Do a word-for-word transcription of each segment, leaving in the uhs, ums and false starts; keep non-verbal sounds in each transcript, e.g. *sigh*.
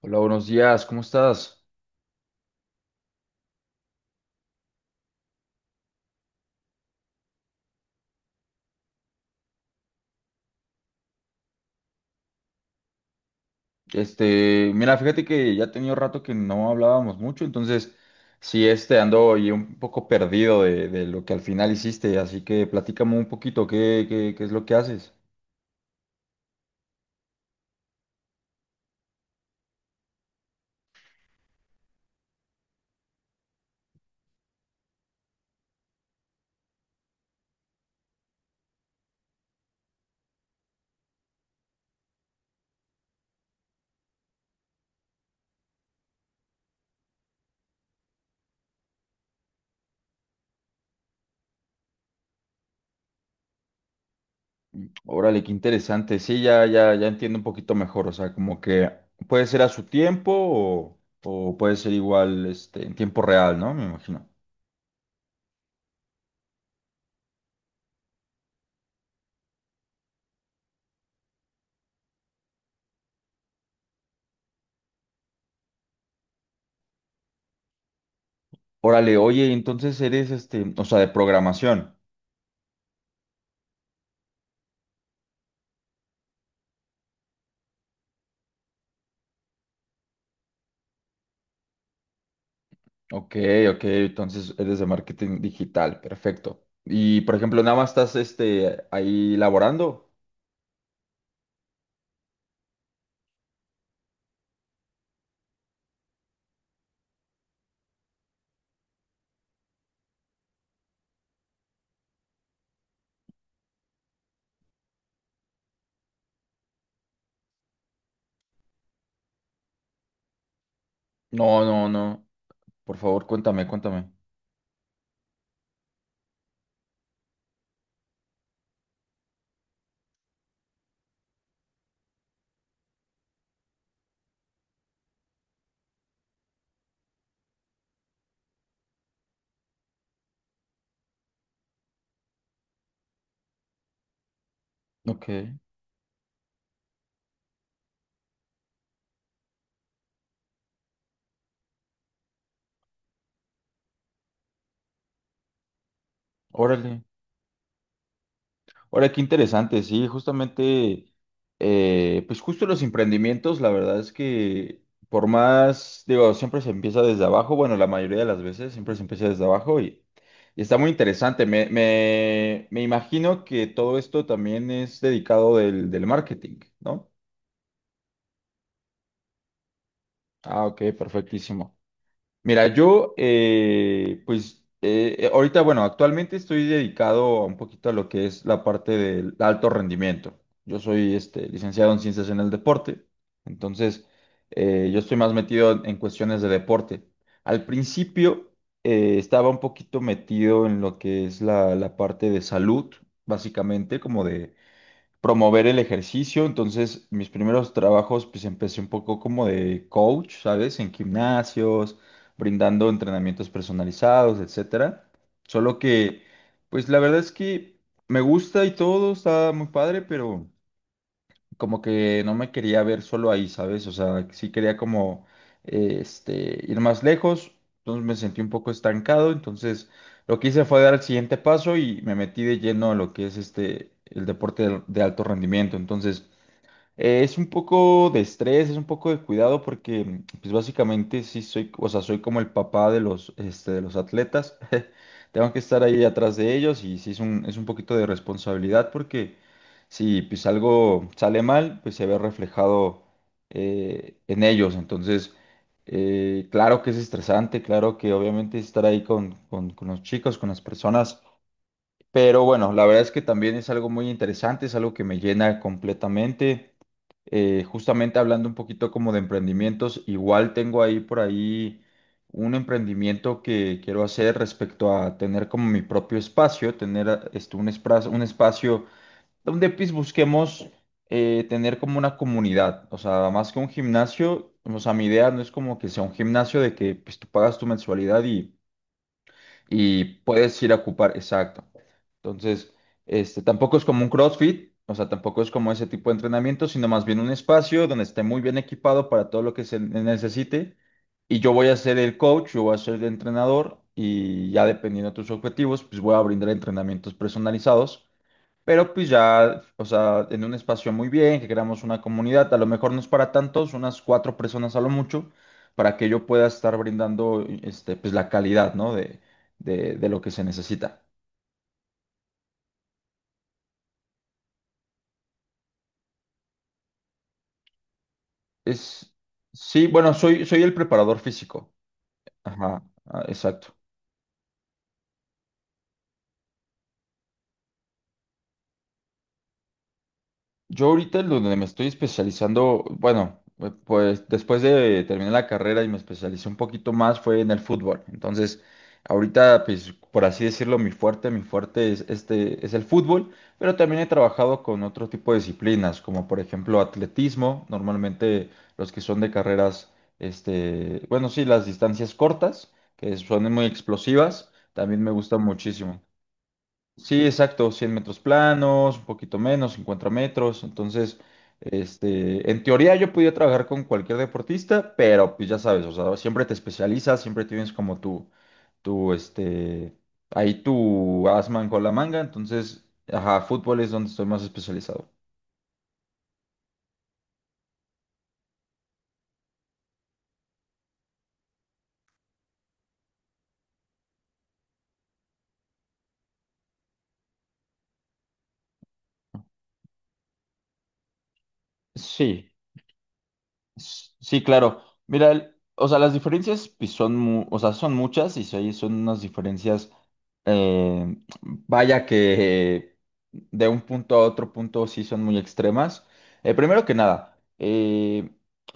Hola, buenos días, ¿cómo estás? Este, mira, fíjate que ya tenía rato que no hablábamos mucho, entonces sí, este, ando y un poco perdido de, de lo que al final hiciste, así que platícame un poquito qué, qué, qué es lo que haces. Órale, qué interesante, sí, ya, ya, ya entiendo un poquito mejor, o sea, como que puede ser a su tiempo o, o puede ser igual, este, en tiempo real, ¿no? Me imagino. Órale, oye, entonces eres, este, o sea, de programación. Ok, ok, entonces eres de marketing digital, perfecto. Y por ejemplo, nada más estás este ahí laborando. No, no, no. Por favor, cuéntame, cuéntame. Ok, órale. Ahora, qué interesante, sí, justamente, eh, pues justo los emprendimientos, la verdad es que por más, digo, siempre se empieza desde abajo, bueno, la mayoría de las veces siempre se empieza desde abajo y, y está muy interesante. Me, me, me imagino que todo esto también es dedicado del, del marketing, ¿no? Ah, ok, perfectísimo. Mira, yo, eh, pues, eh, eh, ahorita, bueno, actualmente estoy dedicado a un poquito a lo que es la parte del alto rendimiento. Yo soy, este, licenciado en ciencias en el deporte, entonces, eh, yo estoy más metido en cuestiones de deporte. Al principio, eh, estaba un poquito metido en lo que es la, la parte de salud, básicamente, como de promover el ejercicio. Entonces, mis primeros trabajos, pues empecé un poco como de coach, ¿sabes? En gimnasios, brindando entrenamientos personalizados, etcétera. Solo que, pues la verdad es que me gusta y todo, está muy padre, pero como que no me quería ver solo ahí, ¿sabes? O sea, sí quería como eh, este, ir más lejos, entonces me sentí un poco estancado, entonces lo que hice fue dar el siguiente paso y me metí de lleno a lo que es este, el deporte de, de alto rendimiento. Entonces, eh, es un poco de estrés, es un poco de cuidado porque, mm, pues básicamente sí soy, o sea, soy como el papá de los, este, de los atletas. *laughs* Tengo que estar ahí atrás de ellos y sí es un, es un poquito de responsabilidad porque si pues algo sale mal, pues se ve reflejado eh, en ellos. Entonces, eh, claro que es estresante, claro que obviamente estar ahí con, con, con los chicos, con las personas, pero bueno, la verdad es que también es algo muy interesante, es algo que me llena completamente. Eh, justamente hablando un poquito como de emprendimientos, igual tengo ahí por ahí un emprendimiento que quiero hacer respecto a tener como mi propio espacio, tener ah, este, un, espra- un espacio donde pues busquemos eh, tener como una comunidad, o sea, más que un gimnasio, o sea, mi idea no es como que sea un gimnasio de que pues tú pagas tu mensualidad y, y puedes ir a ocupar, exacto. Entonces, este, tampoco es como un CrossFit, o sea, tampoco es como ese tipo de entrenamiento, sino más bien un espacio donde esté muy bien equipado para todo lo que se necesite. Y yo voy a ser el coach, yo voy a ser el entrenador y ya dependiendo de tus objetivos, pues voy a brindar entrenamientos personalizados, pero pues ya, o sea, en un espacio muy bien, que creamos una comunidad, a lo mejor no es para tantos, unas cuatro personas a lo mucho, para que yo pueda estar brindando, este, pues la calidad, ¿no? De, de de lo que se necesita. Es, sí, bueno, soy, soy el preparador físico. Ajá, ah, exacto. Yo ahorita en donde me estoy especializando, bueno, eh, pues después de terminar la carrera y me especialicé un poquito más fue en el fútbol. Entonces, ahorita, pues, por así decirlo, mi fuerte, mi fuerte es este, es el fútbol, pero también he trabajado con otro tipo de disciplinas, como por ejemplo atletismo, normalmente los que son de carreras, este, bueno, sí, las distancias cortas, que son muy explosivas, también me gustan muchísimo. Sí, exacto, cien metros planos, un poquito menos, cincuenta metros. Entonces, este, en teoría yo podía trabajar con cualquier deportista, pero pues ya sabes, o sea, siempre te especializas, siempre tienes como tu, tu, este, ahí tu asman con la manga. Entonces, ajá, fútbol es donde estoy más especializado. Sí. S- Sí, claro. Mira, el- o sea, las diferencias pues, son, mu- o sea, son muchas y sí, son unas diferencias, eh, vaya que de un punto a otro punto sí son muy extremas. Eh, primero que nada, eh,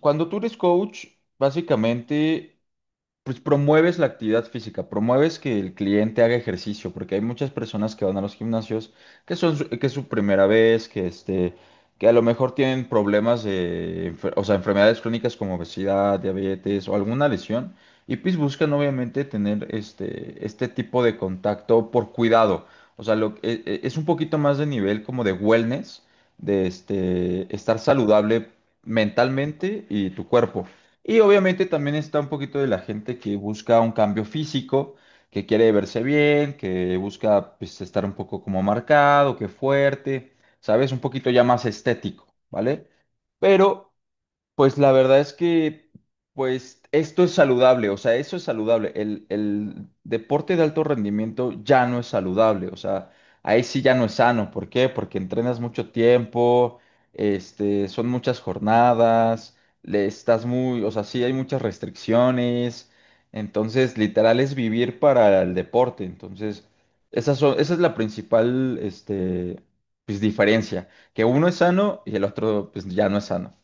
cuando tú eres coach, básicamente pues promueves la actividad física, promueves que el cliente haga ejercicio, porque hay muchas personas que van a los gimnasios que son su- que es su primera vez, que este, que a lo mejor tienen problemas de, enfer- o sea, enfermedades crónicas como obesidad, diabetes o alguna lesión, y pues buscan obviamente tener este, este tipo de contacto por cuidado. O sea, lo, e- e- es un poquito más de nivel como de wellness, de este, estar saludable mentalmente y tu cuerpo. Y obviamente también está un poquito de la gente que busca un cambio físico, que quiere verse bien, que busca pues, estar un poco como marcado, que fuerte, ¿sabes? Un poquito ya más estético, ¿vale? Pero pues la verdad es que, pues esto es saludable, o sea, eso es saludable. El, el deporte de alto rendimiento ya no es saludable, o sea, ahí sí ya no es sano. ¿Por qué? Porque entrenas mucho tiempo, este, son muchas jornadas, le estás muy, o sea, sí hay muchas restricciones. Entonces, literal es vivir para el deporte. Entonces, esa, son, esa es la principal, este, pues diferencia, que uno es sano y el otro, pues ya no es sano.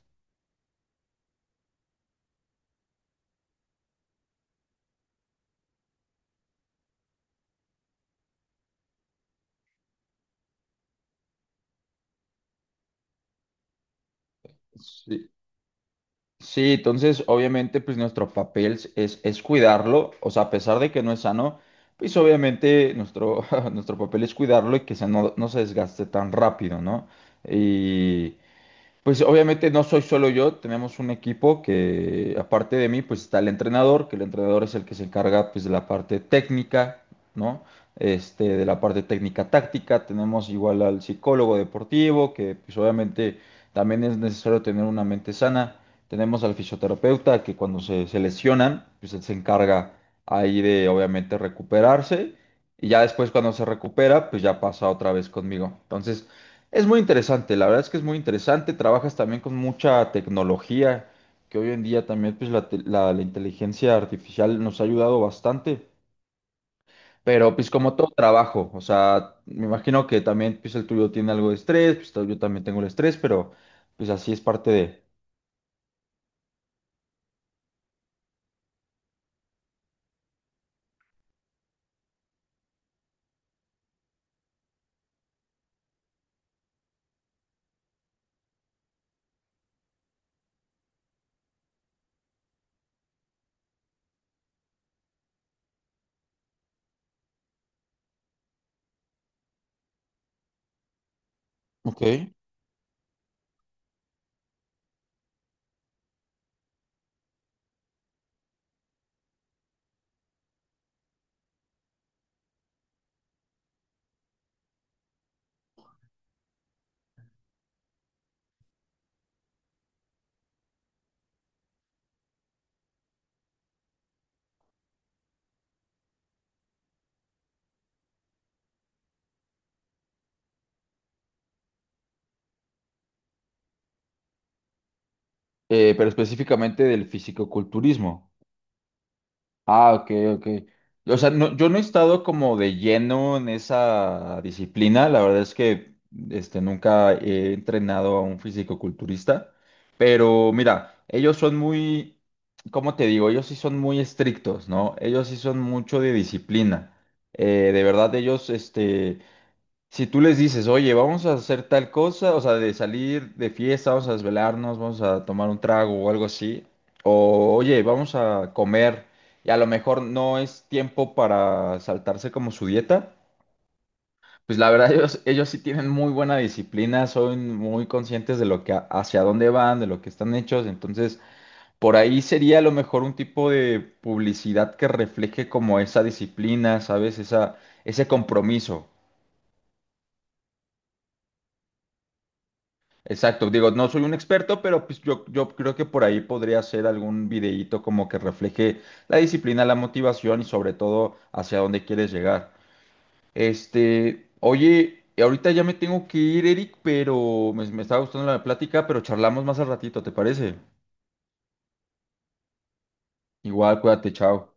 Sí. Sí, entonces obviamente pues nuestro papel es, es es cuidarlo, o sea, a pesar de que no es sano, pues obviamente nuestro, *laughs* nuestro papel es cuidarlo y que se no, no se desgaste tan rápido, ¿no? Y, pues obviamente no soy solo yo, tenemos un equipo que aparte de mí pues está el entrenador, que el entrenador es el que se encarga pues de la parte técnica, ¿no? Este, de la parte técnica táctica, tenemos igual al psicólogo deportivo, que pues obviamente también es necesario tener una mente sana, tenemos al fisioterapeuta que cuando se, se lesionan pues él se encarga ahí de obviamente recuperarse y ya después cuando se recupera pues ya pasa otra vez conmigo. Entonces... Es muy interesante, la verdad es que es muy interesante. Trabajas también con mucha tecnología, que hoy en día también pues, la, te- la- la inteligencia artificial nos ha ayudado bastante. Pero pues como todo trabajo, o sea, me imagino que también pues el tuyo tiene algo de estrés, pues yo también tengo el estrés, pero pues así es parte de... Ok. Eh, pero específicamente del fisicoculturismo. Ah, ok, ok. O sea, no, yo no he estado como de lleno en esa disciplina. La verdad es que este, nunca he entrenado a un fisicoculturista. Pero mira, ellos son muy, ¿cómo te digo? Ellos sí son muy estrictos, ¿no? Ellos sí son mucho de disciplina. Eh, de verdad, ellos, este, si tú les dices, oye, vamos a hacer tal cosa, o sea, de salir de fiesta, vamos a desvelarnos, vamos a tomar un trago o algo así, o oye, vamos a comer, y a lo mejor no es tiempo para saltarse como su dieta, pues la verdad *laughs* ellos, ellos sí tienen muy buena disciplina, son muy conscientes de lo que, hacia dónde van, de lo que están hechos, entonces por ahí sería a lo mejor un tipo de publicidad que refleje como esa disciplina, ¿sabes? Esa, ese compromiso. Exacto, digo, no soy un experto, pero pues yo, yo creo que por ahí podría hacer algún videíto como que refleje la disciplina, la motivación y sobre todo hacia dónde quieres llegar. Este, oye, ahorita ya me tengo que ir, Eric, pero me, me estaba gustando la plática, pero charlamos más al ratito, ¿te parece? Igual, cuídate, chao.